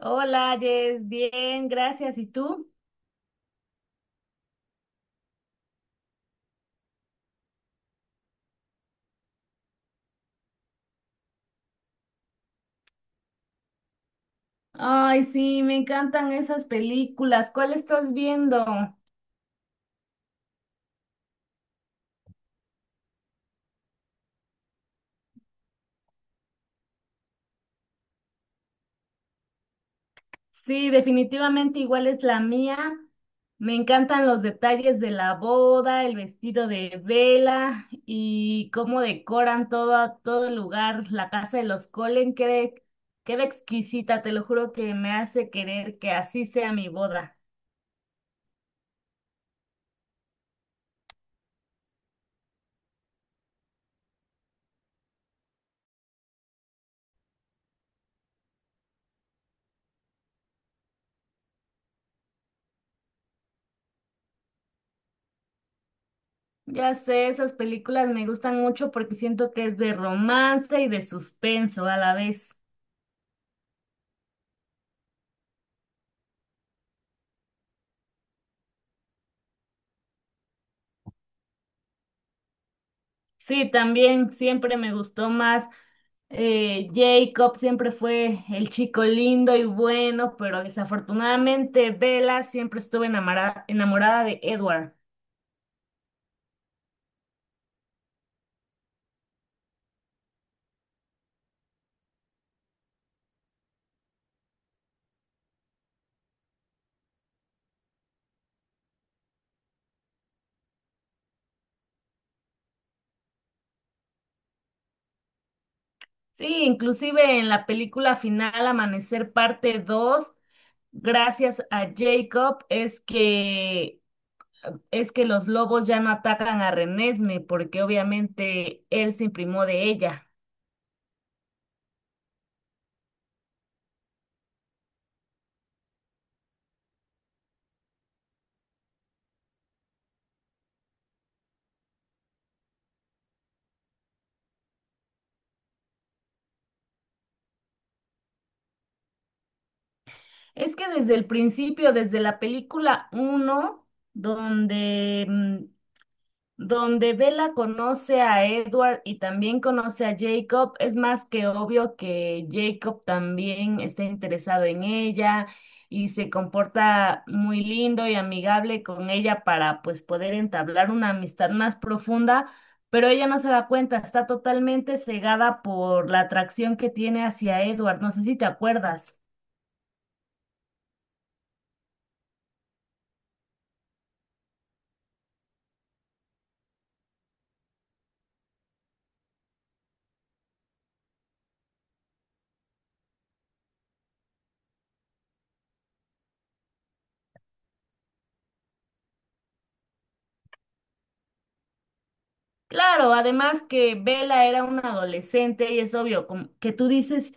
Hola, Jess, bien, gracias. ¿Y tú? Ay, sí, me encantan esas películas. ¿Cuál estás viendo? Sí, definitivamente igual es la mía. Me encantan los detalles de la boda, el vestido de vela y cómo decoran todo el lugar. La casa de los Colen queda exquisita, te lo juro que me hace querer que así sea mi boda. Ya sé, esas películas me gustan mucho porque siento que es de romance y de suspenso a la vez. Sí, también siempre me gustó más. Jacob siempre fue el chico lindo y bueno, pero desafortunadamente Bella siempre estuvo enamorada de Edward. Sí, inclusive en la película final Amanecer parte 2, gracias a Jacob es que los lobos ya no atacan a Renesme porque obviamente él se imprimó de ella. Es que desde el principio, desde la película uno, donde mm, donde Bella conoce a Edward y también conoce a Jacob, es más que obvio que Jacob también está interesado en ella y se comporta muy lindo y amigable con ella para pues poder entablar una amistad más profunda, pero ella no se da cuenta, está totalmente cegada por la atracción que tiene hacia Edward, no sé si te acuerdas. Claro, además que Bella era una adolescente y es obvio como que tú dices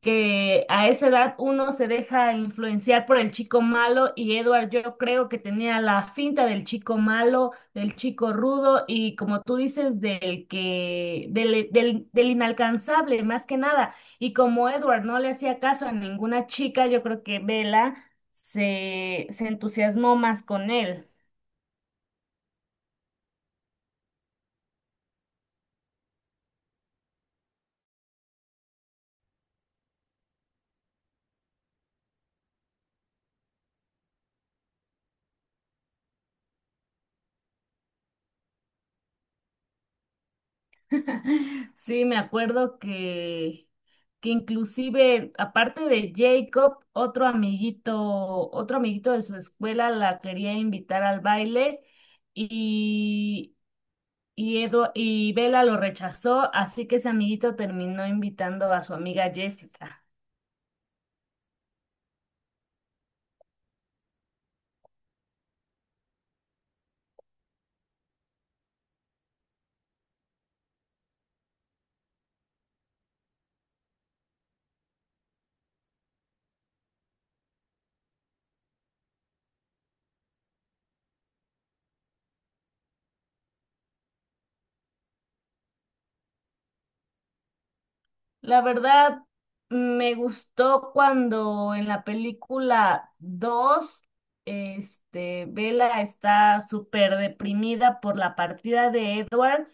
que a esa edad uno se deja influenciar por el chico malo y Edward yo creo que tenía la finta del chico malo, del chico rudo y como tú dices del inalcanzable más que nada y como Edward no le hacía caso a ninguna chica, yo creo que Bella se entusiasmó más con él. Sí, me acuerdo que inclusive, aparte de Jacob, otro amiguito de su escuela la quería invitar al baile y, y Bella lo rechazó, así que ese amiguito terminó invitando a su amiga Jessica. La verdad, me gustó cuando en la película 2 Bella está súper deprimida por la partida de Edward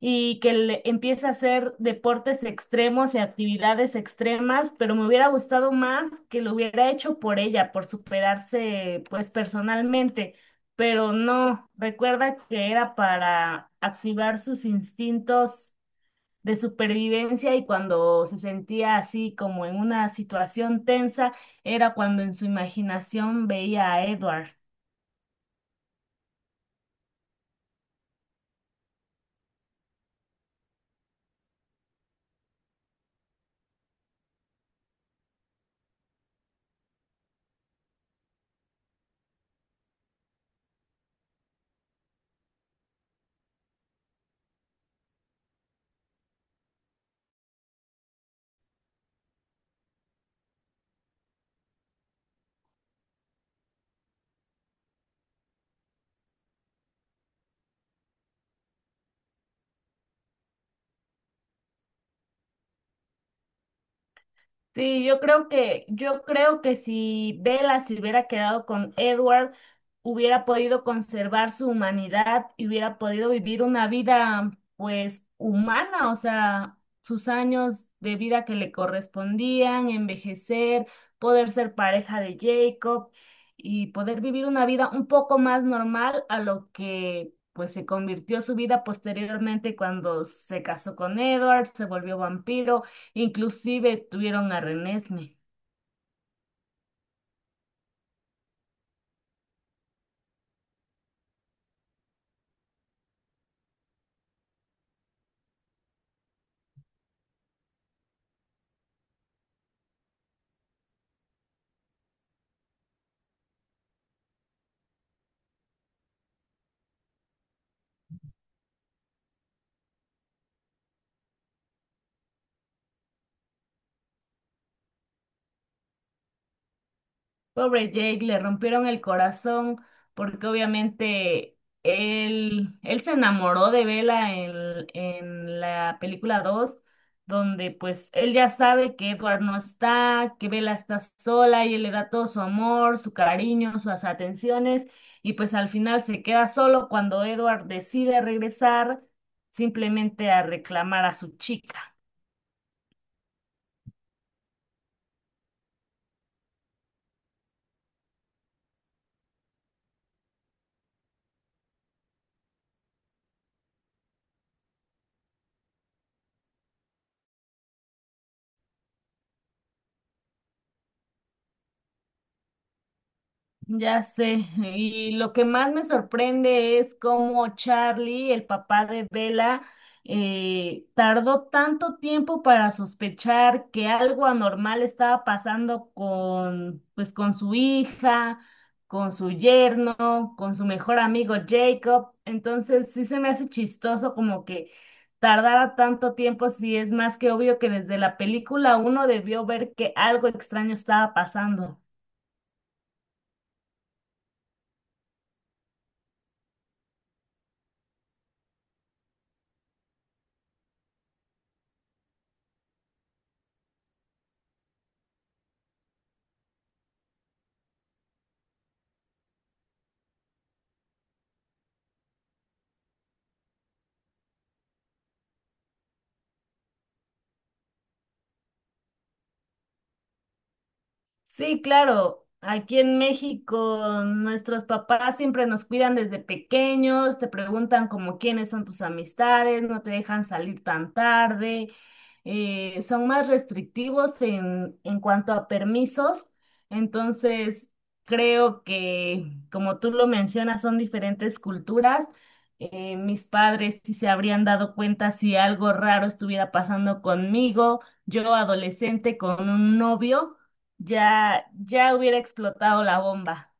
y que empiece a hacer deportes extremos y actividades extremas, pero me hubiera gustado más que lo hubiera hecho por ella, por superarse pues personalmente, pero no, recuerda que era para activar sus instintos de supervivencia y cuando se sentía así como en una situación tensa, era cuando en su imaginación veía a Edward. Sí, yo creo que si Bella se hubiera quedado con Edward, hubiera podido conservar su humanidad y hubiera podido vivir una vida, pues, humana, o sea, sus años de vida que le correspondían, envejecer, poder ser pareja de Jacob y poder vivir una vida un poco más normal a lo que, pues, se convirtió su vida posteriormente cuando se casó con Edward, se volvió vampiro. Inclusive tuvieron a Renesme. Pobre Jake, le rompieron el corazón porque obviamente él se enamoró de Bella en la película 2 donde pues él ya sabe que Edward no está, que Bella está sola y él le da todo su amor, su cariño, sus atenciones y pues al final se queda solo cuando Edward decide regresar simplemente a reclamar a su chica. Ya sé, y lo que más me sorprende es cómo Charlie, el papá de Bella, tardó tanto tiempo para sospechar que algo anormal estaba pasando con, pues, con su hija, con su yerno, con su mejor amigo Jacob. Entonces, sí se me hace chistoso como que tardara tanto tiempo, si es más que obvio que desde la película uno debió ver que algo extraño estaba pasando. Sí, claro. Aquí en México, nuestros papás siempre nos cuidan desde pequeños, te preguntan como quiénes son tus amistades, no te dejan salir tan tarde, son más restrictivos en cuanto a permisos. Entonces, creo que, como tú lo mencionas, son diferentes culturas. Mis padres sí se habrían dado cuenta si algo raro estuviera pasando conmigo, yo adolescente con un novio. Ya hubiera explotado la bomba.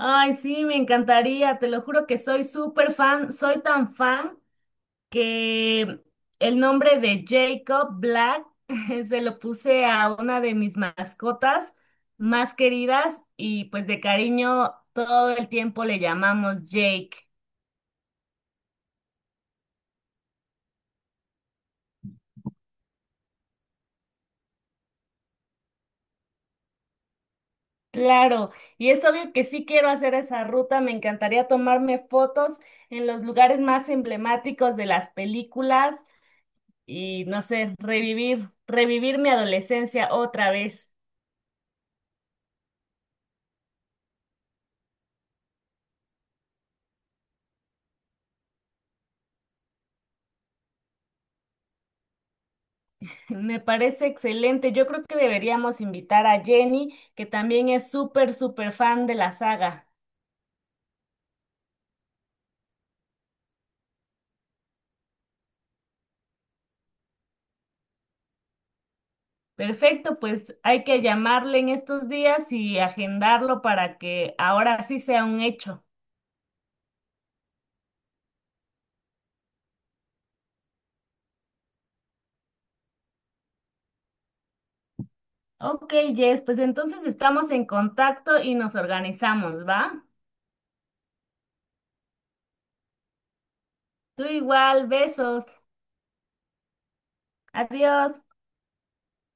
Ay, sí, me encantaría, te lo juro que soy súper fan, soy tan fan que el nombre de Jacob Black se lo puse a una de mis mascotas más queridas y pues de cariño todo el tiempo le llamamos Jake. Claro, y es obvio que sí quiero hacer esa ruta, me encantaría tomarme fotos en los lugares más emblemáticos de las películas y no sé, revivir mi adolescencia otra vez. Me parece excelente. Yo creo que deberíamos invitar a Jenny, que también es súper fan de la saga. Perfecto, pues hay que llamarle en estos días y agendarlo para que ahora sí sea un hecho. Ok, Jess, pues entonces estamos en contacto y nos organizamos, ¿va? Tú igual, besos. Adiós.